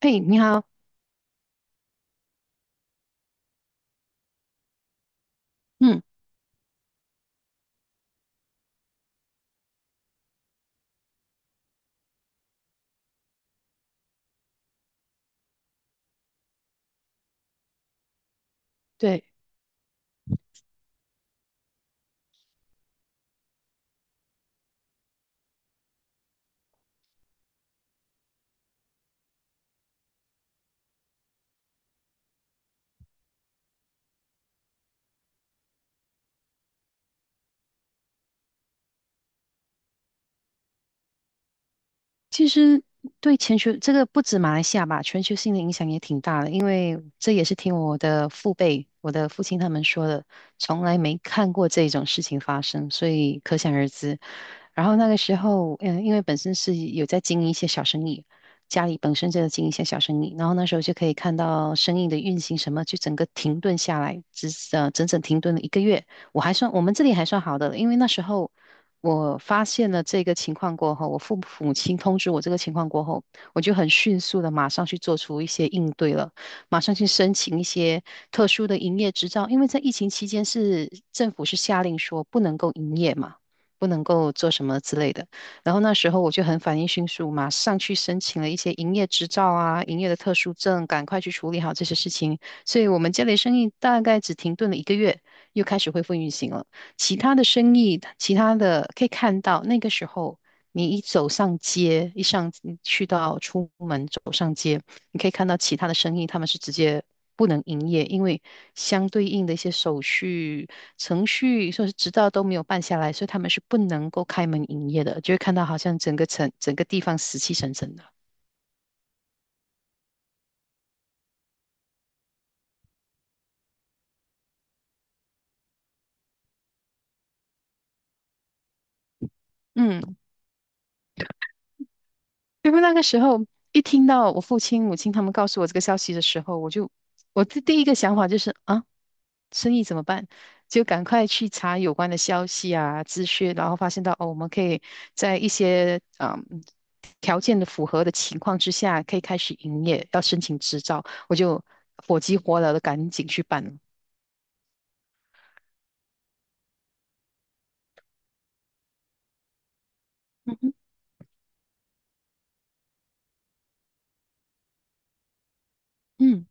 嘿，你好。嗯。对。其实对全球这个不止马来西亚吧，全球性的影响也挺大的，因为这也是听我的父辈、我的父亲他们说的，从来没看过这种事情发生，所以可想而知。然后那个时候，因为本身是有在经营一些小生意，家里本身就在经营一些小生意，然后那时候就可以看到生意的运行什么，就整个停顿下来，整整停顿了一个月。我们这里还算好的，因为那时候。我发现了这个情况过后，我父母亲通知我这个情况过后，我就很迅速的马上去做出一些应对了，马上去申请一些特殊的营业执照，因为在疫情期间是政府是下令说不能够营业嘛，不能够做什么之类的。然后那时候我就很反应迅速，马上去申请了一些营业执照啊、营业的特殊证，赶快去处理好这些事情。所以我们家里生意大概只停顿了一个月，又开始恢复运行了。其他的生意，其他的可以看到，那个时候你一走上街，你去到出门走上街，你可以看到其他的生意，他们是直接不能营业，因为相对应的一些手续程序，说是执照都没有办下来，所以他们是不能够开门营业的，就会看到好像整个城整个地方死气沉沉的。嗯，因为那个时候一听到我父亲、母亲他们告诉我这个消息的时候，我的第一个想法就是啊。生意怎么办？就赶快去查有关的消息啊、资讯，然后发现到哦，我们可以在一些条件的符合的情况之下，可以开始营业，要申请执照，我就火急火燎的赶紧去办了。嗯哼。嗯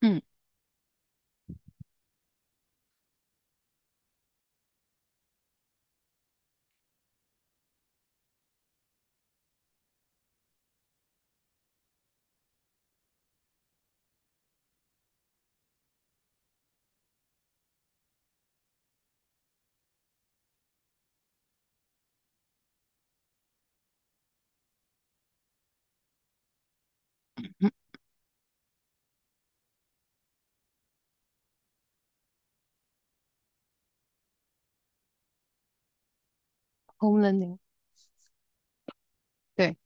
嗯嗯，home learning。对。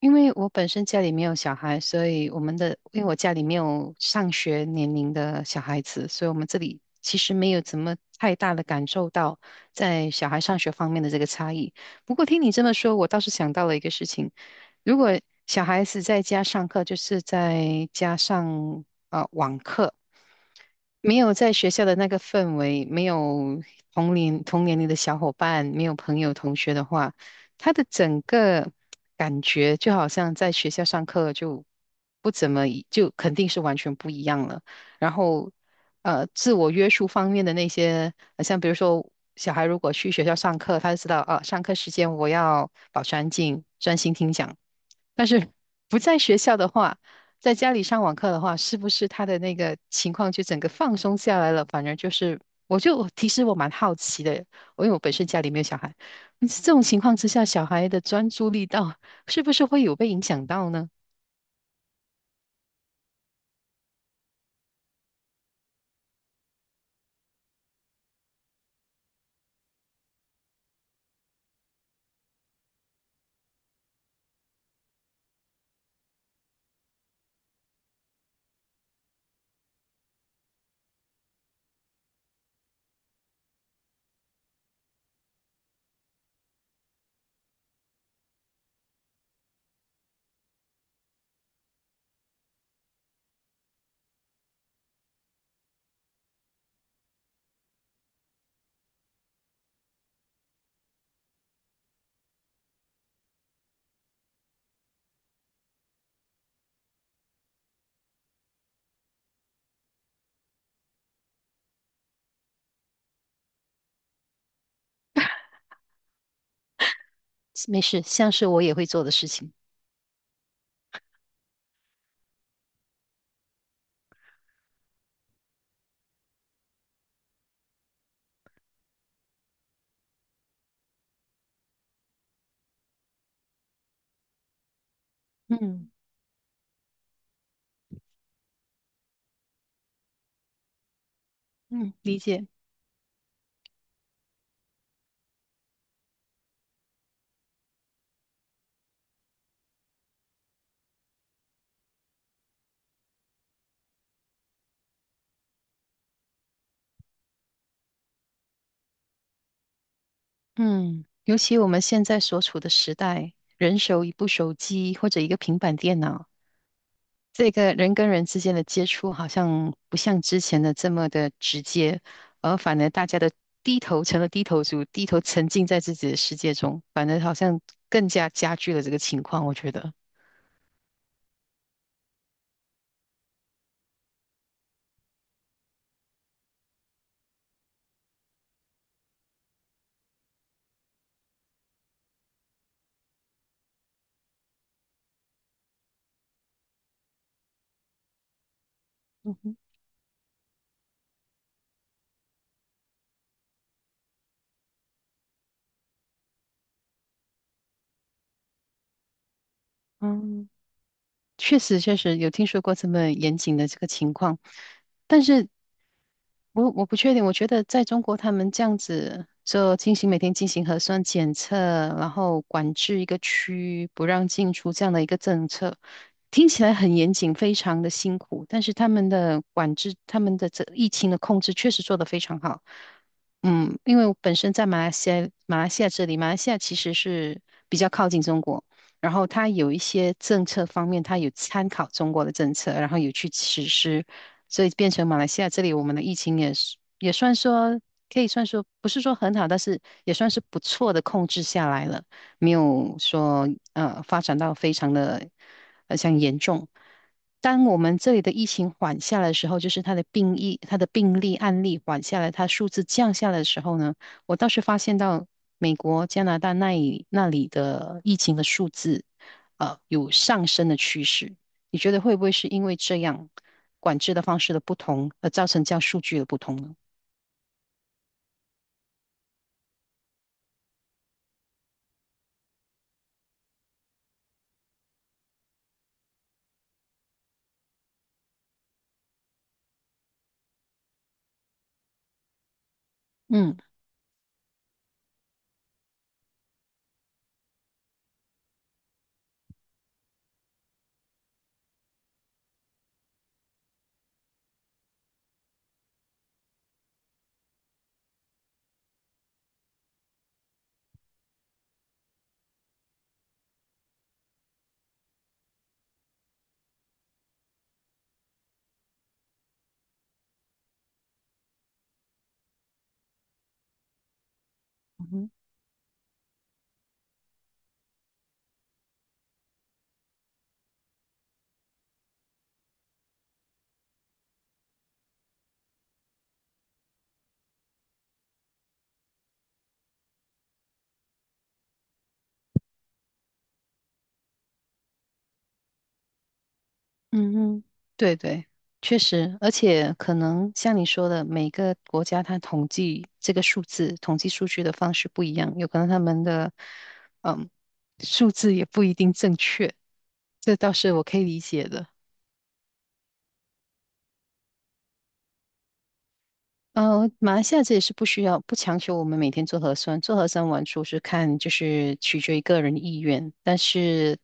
因为我本身家里没有小孩，所以我们的，因为我家里没有上学年龄的小孩子，所以我们这里其实没有怎么太大的感受到在小孩上学方面的这个差异。不过听你这么说，我倒是想到了一个事情，如果小孩子在家上课，就是在家上网课。没有在学校的那个氛围，没有同年龄的小伙伴，没有朋友同学的话，他的整个感觉就好像在学校上课就不怎么一就肯定是完全不一样了。然后，自我约束方面的那些，像比如说小孩如果去学校上课，他就知道啊，上课时间我要保持安静，专心听讲。但是不在学校的话，在家里上网课的话，是不是他的那个情况就整个放松下来了？反而就是，我就其实我蛮好奇的，因为我本身家里没有小孩。这种情况之下，小孩的专注力是不是会有被影响到呢？没事，像是我也会做的事情。嗯嗯，理解。嗯，尤其我们现在所处的时代，人手一部手机或者一个平板电脑，这个人跟人之间的接触好像不像之前的这么的直接，而反而大家的低头成了低头族，低头沉浸在自己的世界中，反而好像更加加剧了这个情况，我觉得。嗯哼。嗯，确实，确实有听说过这么严谨的这个情况，但是我不确定。我觉得在中国，他们这样子就进行每天进行核酸检测，然后管制一个区不让进出这样的一个政策，听起来很严谨，非常的辛苦。但是他们的管制，他们的这疫情的控制确实做得非常好。嗯，因为我本身在马来西亚，马来西亚这里，马来西亚其实是比较靠近中国。然后它有一些政策方面，它有参考中国的政策，然后有去实施，所以变成马来西亚这里我们的疫情也算说可以算说不是说很好，但是也算是不错的控制下来了，没有说发展到非常的像严重。当我们这里的疫情缓下来的时候，就是它的病例案例缓下来，它数字降下来的时候呢？我倒是发现到美国、加拿大那里的疫情的数字，有上升的趋势。你觉得会不会是因为这样管制的方式的不同，而造成这样数据的不同呢？嗯。嗯哼。嗯哼。对对，确实，而且可能像你说的，每个国家它统计这个数字、统计数据的方式不一样，有可能他们的嗯数字也不一定正确，这倒是我可以理解的。马来西亚这也是不需要，不强求我们每天做核酸，做核酸完出是看就是取决于个人意愿，但是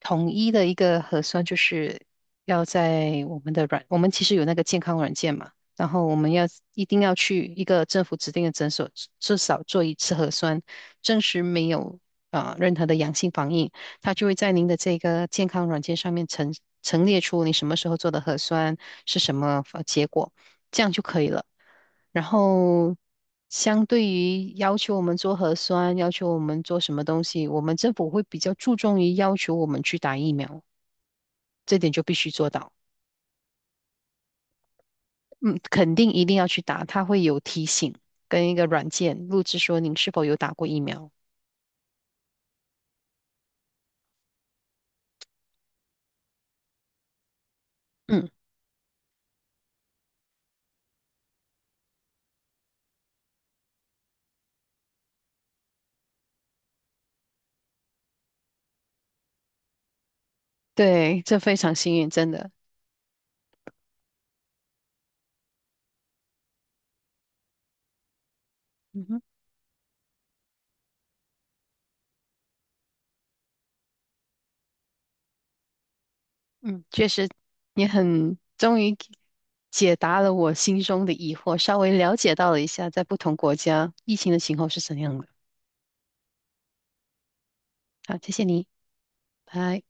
统一的一个核酸就是要在我们的软，我们其实有那个健康软件嘛，然后我们要一定要去一个政府指定的诊所，至少做1次核酸，证实没有任何的阳性反应，它就会在您的这个健康软件上面陈列出你什么时候做的核酸是什么结果，这样就可以了。然后相对于要求我们做核酸，要求我们做什么东西，我们政府会比较注重于要求我们去打疫苗，这点就必须做到。嗯，肯定一定要去打，它会有提醒跟一个软件录制说您是否有打过疫苗。嗯，对，这非常幸运，真的。嗯哼。嗯，确实，你很终于解答了我心中的疑惑，稍微了解到了一下在不同国家疫情的情况是怎样的。好，谢谢你，拜。